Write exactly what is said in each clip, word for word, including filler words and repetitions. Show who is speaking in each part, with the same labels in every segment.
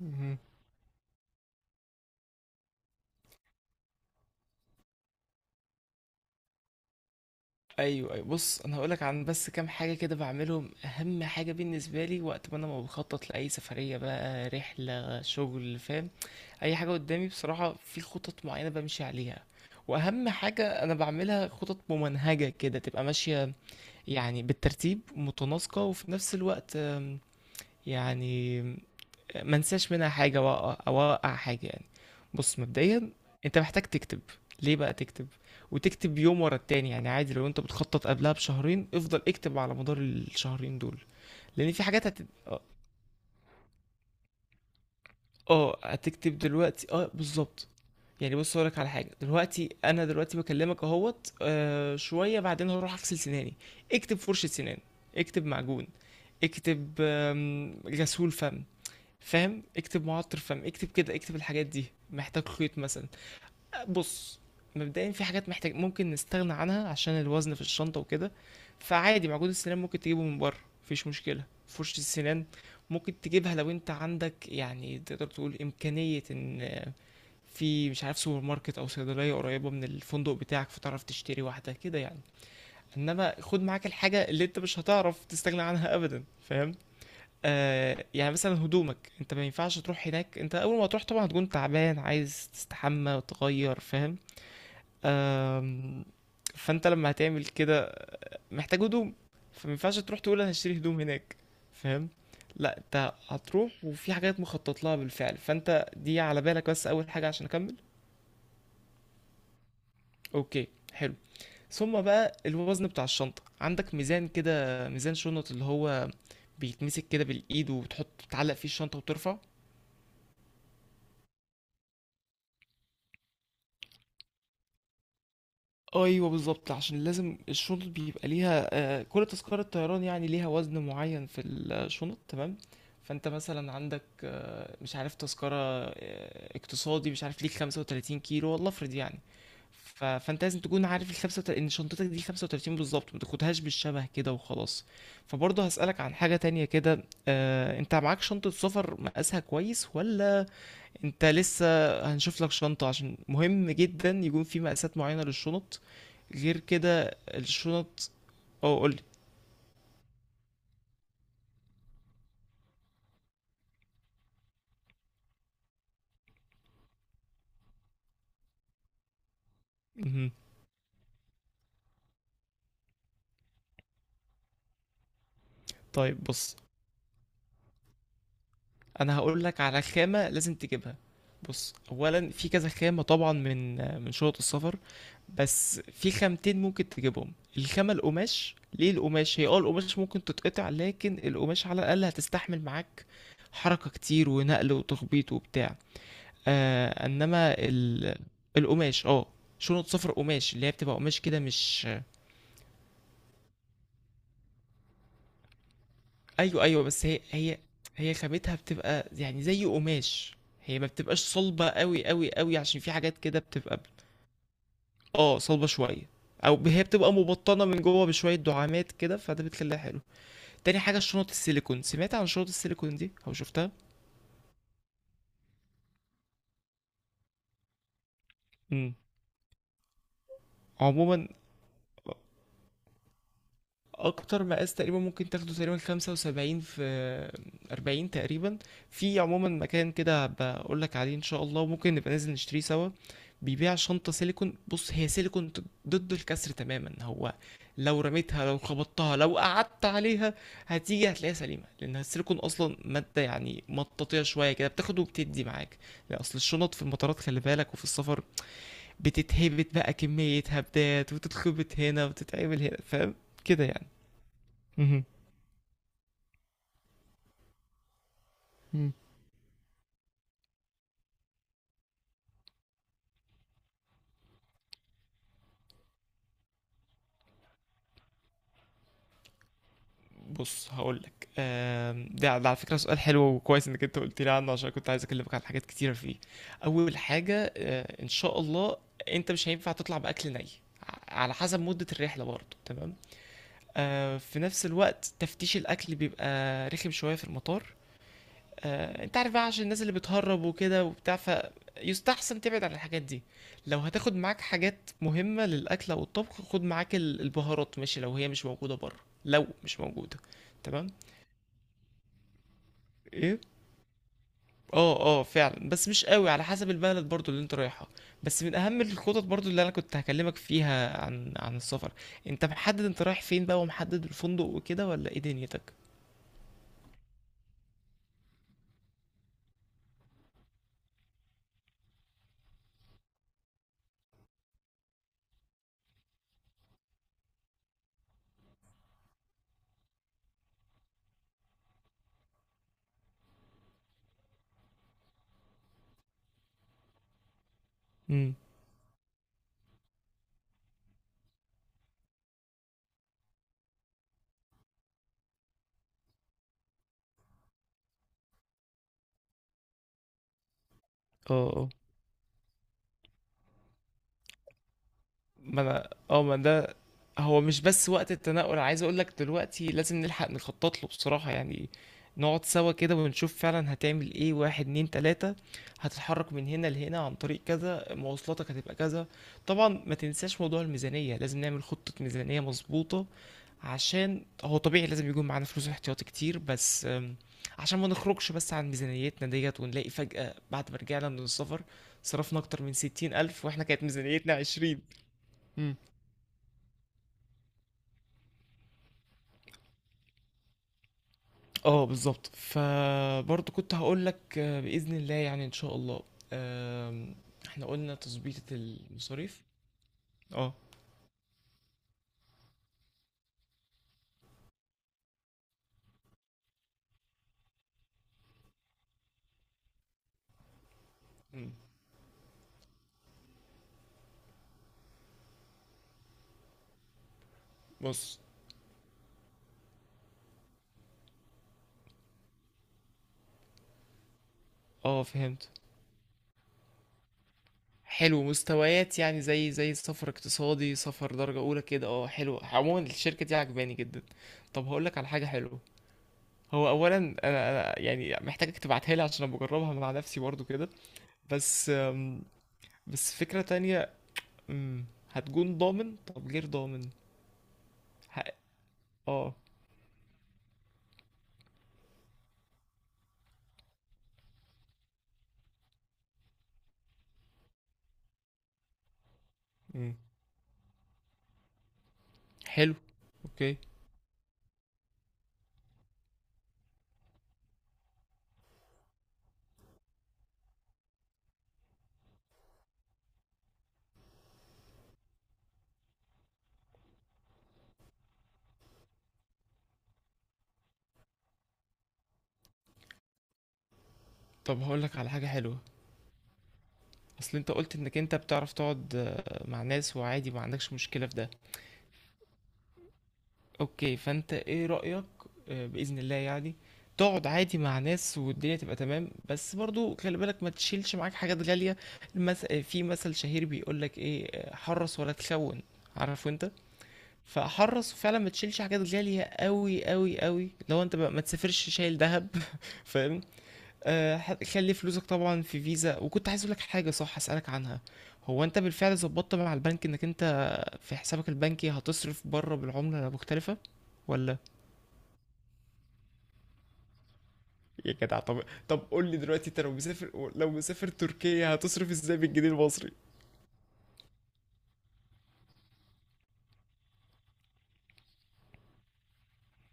Speaker 1: مهم. ايوه ايوه، بص انا هقولك عن بس كام حاجه كده بعملهم. اهم حاجه بالنسبه لي وقت ما انا ما بخطط لاي سفريه بقى، رحله شغل، فاهم؟ اي حاجه قدامي بصراحه، في خطط معينه بمشي عليها. واهم حاجه انا بعملها خطط ممنهجه كده تبقى ماشيه، يعني بالترتيب متناسقه. وفي نفس الوقت آم، يعني ما انساش منها حاجه، واقع او اوقع حاجه يعني. بص مبدئيا انت محتاج تكتب. ليه بقى تكتب وتكتب يوم ورا التاني؟ يعني عادي، لو انت بتخطط قبلها بشهرين، افضل اكتب على مدار الشهرين دول. لان في حاجات هت... اه، هتكتب دلوقتي، اه بالظبط. يعني بص هقولك على حاجه، دلوقتي انا دلوقتي بكلمك اهوت آه شويه بعدين هروح اغسل سناني. اكتب فرشه سنان، اكتب معجون، اكتب آم، غسول فم، فاهم؟ اكتب معطر، فاهم؟ اكتب كده، اكتب الحاجات دي. محتاج خيط مثلا. بص مبدئيا في حاجات محتاج ممكن نستغنى عنها عشان الوزن في الشنطة وكده. فعادي معجون السنان ممكن تجيبه من بره، مفيش مشكلة. فرشة السنان ممكن تجيبها لو انت عندك، يعني تقدر تقول امكانية ان في مش عارف سوبر ماركت او صيدلية قريبة من الفندق بتاعك، فتعرف تشتري واحدة كده يعني. انما خد معاك الحاجة اللي انت مش هتعرف تستغنى عنها ابدا، فاهم؟ آه يعني مثلا هدومك، انت ما ينفعش تروح هناك، انت اول ما تروح طبعا هتكون تعبان عايز تستحمى وتغير، فاهم؟ آم، فانت لما هتعمل كده محتاج هدوم، فما ينفعش تروح تقول انا هشتري هدوم هناك، فاهم؟ لا انت هتروح وفي حاجات مخطط لها بالفعل. فانت دي على بالك بس اول حاجة عشان اكمل. اوكي، حلو. ثم بقى الوزن بتاع الشنطة، عندك ميزان كده، ميزان شنط، اللي هو بيتمسك كده بالايد وبتحط بتعلق فيه الشنطة وترفع. ايوه بالظبط، عشان لازم الشنط بيبقى ليها آه، كل تذكرة طيران يعني ليها وزن معين في الشنط، تمام. فانت مثلا عندك آه، مش عارف تذكرة آه، اقتصادي، مش عارف ليك خمسة وثلاثين كيلو والله افرض يعني. ف- فانت لازم تكون عارف ال خمسة وتلاتين، ان شنطتك دي خمسة وتلاتين بالظبط، ما تاخدهاش بالشبه كده وخلاص. فبرضه هسألك عن حاجة تانية كده، آه، انت معاك شنطة سفر مقاسها كويس ولا انت لسه؟ هنشوف لك شنطة، عشان مهم جدا يكون في مقاسات معينة للشنط غير كده الشنط. اه قولي. مهم. طيب بص انا هقول لك على خامة لازم تجيبها. بص اولا في كذا خامة طبعا من من شنط السفر، بس في خامتين ممكن تجيبهم. الخامة القماش، ليه القماش؟ هي اه القماش ممكن تتقطع، لكن القماش على الاقل هتستحمل معاك حركة كتير ونقل وتخبيط وبتاع. آه انما ال... القماش اه، شنط صفر قماش اللي هي بتبقى قماش كده مش ايوه ايوه، بس هي هي هي خامتها بتبقى يعني زي قماش، هي ما بتبقاش صلبة قوي قوي قوي عشان في حاجات كده بتبقى بت- اه صلبة شوية، او هي بتبقى مبطنة من جوه بشوية دعامات كده، فده بتخليها حلو. تاني حاجة الشنط السيليكون، سمعت عن شنط السيليكون دي او شفتها؟ امم عموما اكتر مقاس تقريبا ممكن تاخده تقريبا خمسة وسبعين في اربعين تقريبا. في عموما مكان كده بقول لك عليه ان شاء الله، وممكن نبقى ننزل نشتريه سوا. بيبيع شنطة سيليكون. بص هي سيليكون ضد الكسر تماما. هو لو رميتها، لو خبطتها، لو قعدت عليها، هتيجي هتلاقيها سليمة، لأن السيليكون أصلا مادة يعني مطاطية شوية كده، بتاخد وبتدي معاك. لأن أصل الشنط في المطارات خلي بالك، وفي السفر بتتهبت بقى كمية هبدات وتتخبط هنا وتتعمل هنا، فاهم كده يعني. مهم. مم. بص هقول لك، ده ده على فكره سؤال حلو وكويس انك انت قلت لي عنه، عشان كنت عايز اكلمك عن حاجات كتيره فيه. اول حاجه آه، ان شاء الله انت مش هينفع تطلع باكل ني. ع- على حسب مده الرحله برضه، تمام. آه، في نفس الوقت تفتيش الاكل بيبقى رخم شويه في المطار، آه، انت عارف بقى عشان الناس اللي بتهرب وكده وبتاع. فيستحسن تبعد عن الحاجات دي. لو هتاخد معاك حاجات مهمة للأكل أو الطبخ، خد معاك ال- البهارات، ماشي، لو هي مش موجودة بره. لو مش موجودة، تمام. ايه، اه اه فعلا، بس مش قوي على حسب البلد برضو اللي انت رايحها. بس من اهم الخطط برضو اللي انا كنت هكلمك فيها عن عن السفر، انت محدد انت رايح فين بقى ومحدد الفندق وكده ولا ايه دنيتك؟ امم. اه ما انا اه ما ده، هو مش بس وقت التنقل، انا عايز اقول لك دلوقتي لازم نلحق نخطط له بصراحة يعني. نقعد سوا كده ونشوف فعلا هتعمل ايه. واحد اتنين تلاتة، هتتحرك من هنا لهنا عن طريق كذا، مواصلاتك هتبقى كذا. طبعا ما تنساش موضوع الميزانية، لازم نعمل خطة ميزانية مظبوطة. عشان هو طبيعي لازم يكون معانا فلوس احتياطي كتير، بس أم، عشان ما نخرجش بس عن ميزانيتنا ديت، ونلاقي فجأة بعد ما رجعنا من السفر صرفنا أكتر من ستين ألف وإحنا كانت ميزانيتنا عشرين. اه بالظبط. فبرضه كنت هقول لك آه، بإذن الله يعني، إن شاء الله آم، احنا قلنا تظبيطة المصاريف. اه. مم. بص. اه فهمت. حلو، مستويات يعني زي زي سفر اقتصادي سفر درجة أولى كده، اه حلو، عموما الشركة دي عجباني جدا. طب هقول لك على حاجة حلوة. هو أولا أنا أنا يعني محتاجك تبعتها لي عشان أنا بجربها مع نفسي برضه كده، بس آم، بس فكرة تانية مم، هتكون ضامن؟ طب غير ضامن. ه- اه، حلو. اوكي. طب هقولك على حاجة حلوة، اصل انت قلت انك انت بتعرف تقعد آه، مع ناس وعادي ما عندكش مشكلة في ده. اوكي فانت ايه رأيك؟ آه، بإذن الله يعني تقعد عادي مع ناس والدنيا تبقى تمام، بس برضو خلي بالك ما تشيلش معاك حاجات غالية. المس... آه، في مثل شهير بيقولك ايه، آه، حرص ولا تخون، عارفه انت. فحرص فعلا ما تشيلش حاجات غالية قوي قوي قوي. لو انت بقى ما تسافرش شايل ذهب فاهم. آه، ح- خلي فلوسك طبعا في فيزا. وكنت عايز اقول لك حاجه صح اسالك عنها، هو انت بالفعل ظبطت مع البنك انك انت في حسابك البنكي هتصرف بره بالعمله مختلفه ولا؟ يا جدع. طب طب قول لي دلوقتي، انت لو مسافر، لو مسافر تركيا هتصرف ازاي؟ بالجنيه المصري؟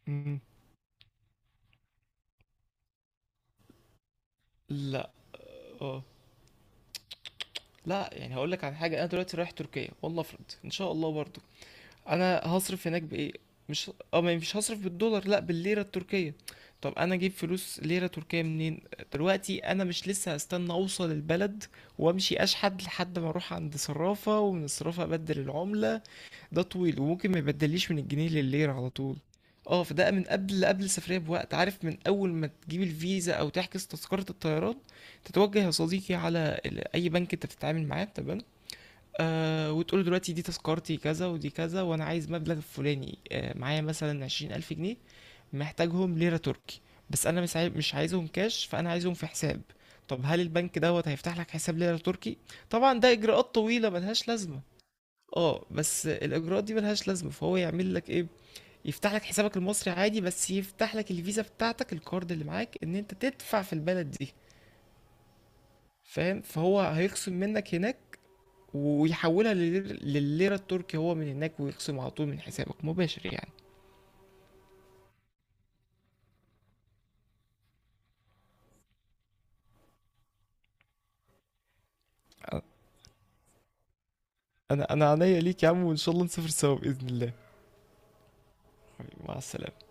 Speaker 1: مم. لا. اه لا، يعني هقول لك على حاجه، انا دلوقتي رايح تركيا والله افرض ان شاء الله برضو، انا هصرف هناك بايه؟ مش اه ما مش هصرف بالدولار، لا بالليره التركيه. طب انا اجيب فلوس ليره تركيه منين؟ دلوقتي انا مش لسه هستنى اوصل البلد وامشي اشحد لحد ما اروح عند صرافه ومن الصرافه ابدل العمله. ده طويل وممكن ما يبدليش من الجنيه للليره على طول. اه، فده من قبل قبل السفريه بوقت، عارف من اول ما تجيب الفيزا او تحجز تذكره الطيران، تتوجه يا صديقي على ال- اي بنك انت بتتعامل معاه، تمام. آه وتقول دلوقتي دي تذكرتي كذا ودي كذا، وانا عايز مبلغ الفلاني آه، معايا مثلا عشرين الف جنيه محتاجهم ليرة تركي. بس انا مش عاي- مش عايزهم كاش، فانا عايزهم في حساب. طب هل البنك دوت هيفتح لك حساب ليرة تركي؟ طبعا ده اجراءات طويلة ملهاش لازمة. اه بس الاجراءات دي ملهاش لازمة، فهو يعمل لك ايه؟ يفتح لك حسابك المصري عادي، بس يفتح لك الفيزا بتاعتك الكارد اللي معاك ان انت تدفع في البلد دي، فاهم؟ فهو هيخصم منك هناك ويحولها للير- للليرة التركي هو من هناك، ويخصم على طول من حسابك مباشر يعني. انا انا عينيا ليك يا عم، وان شاء الله نسافر سوا باذن الله. حبيبي، مع السلامة.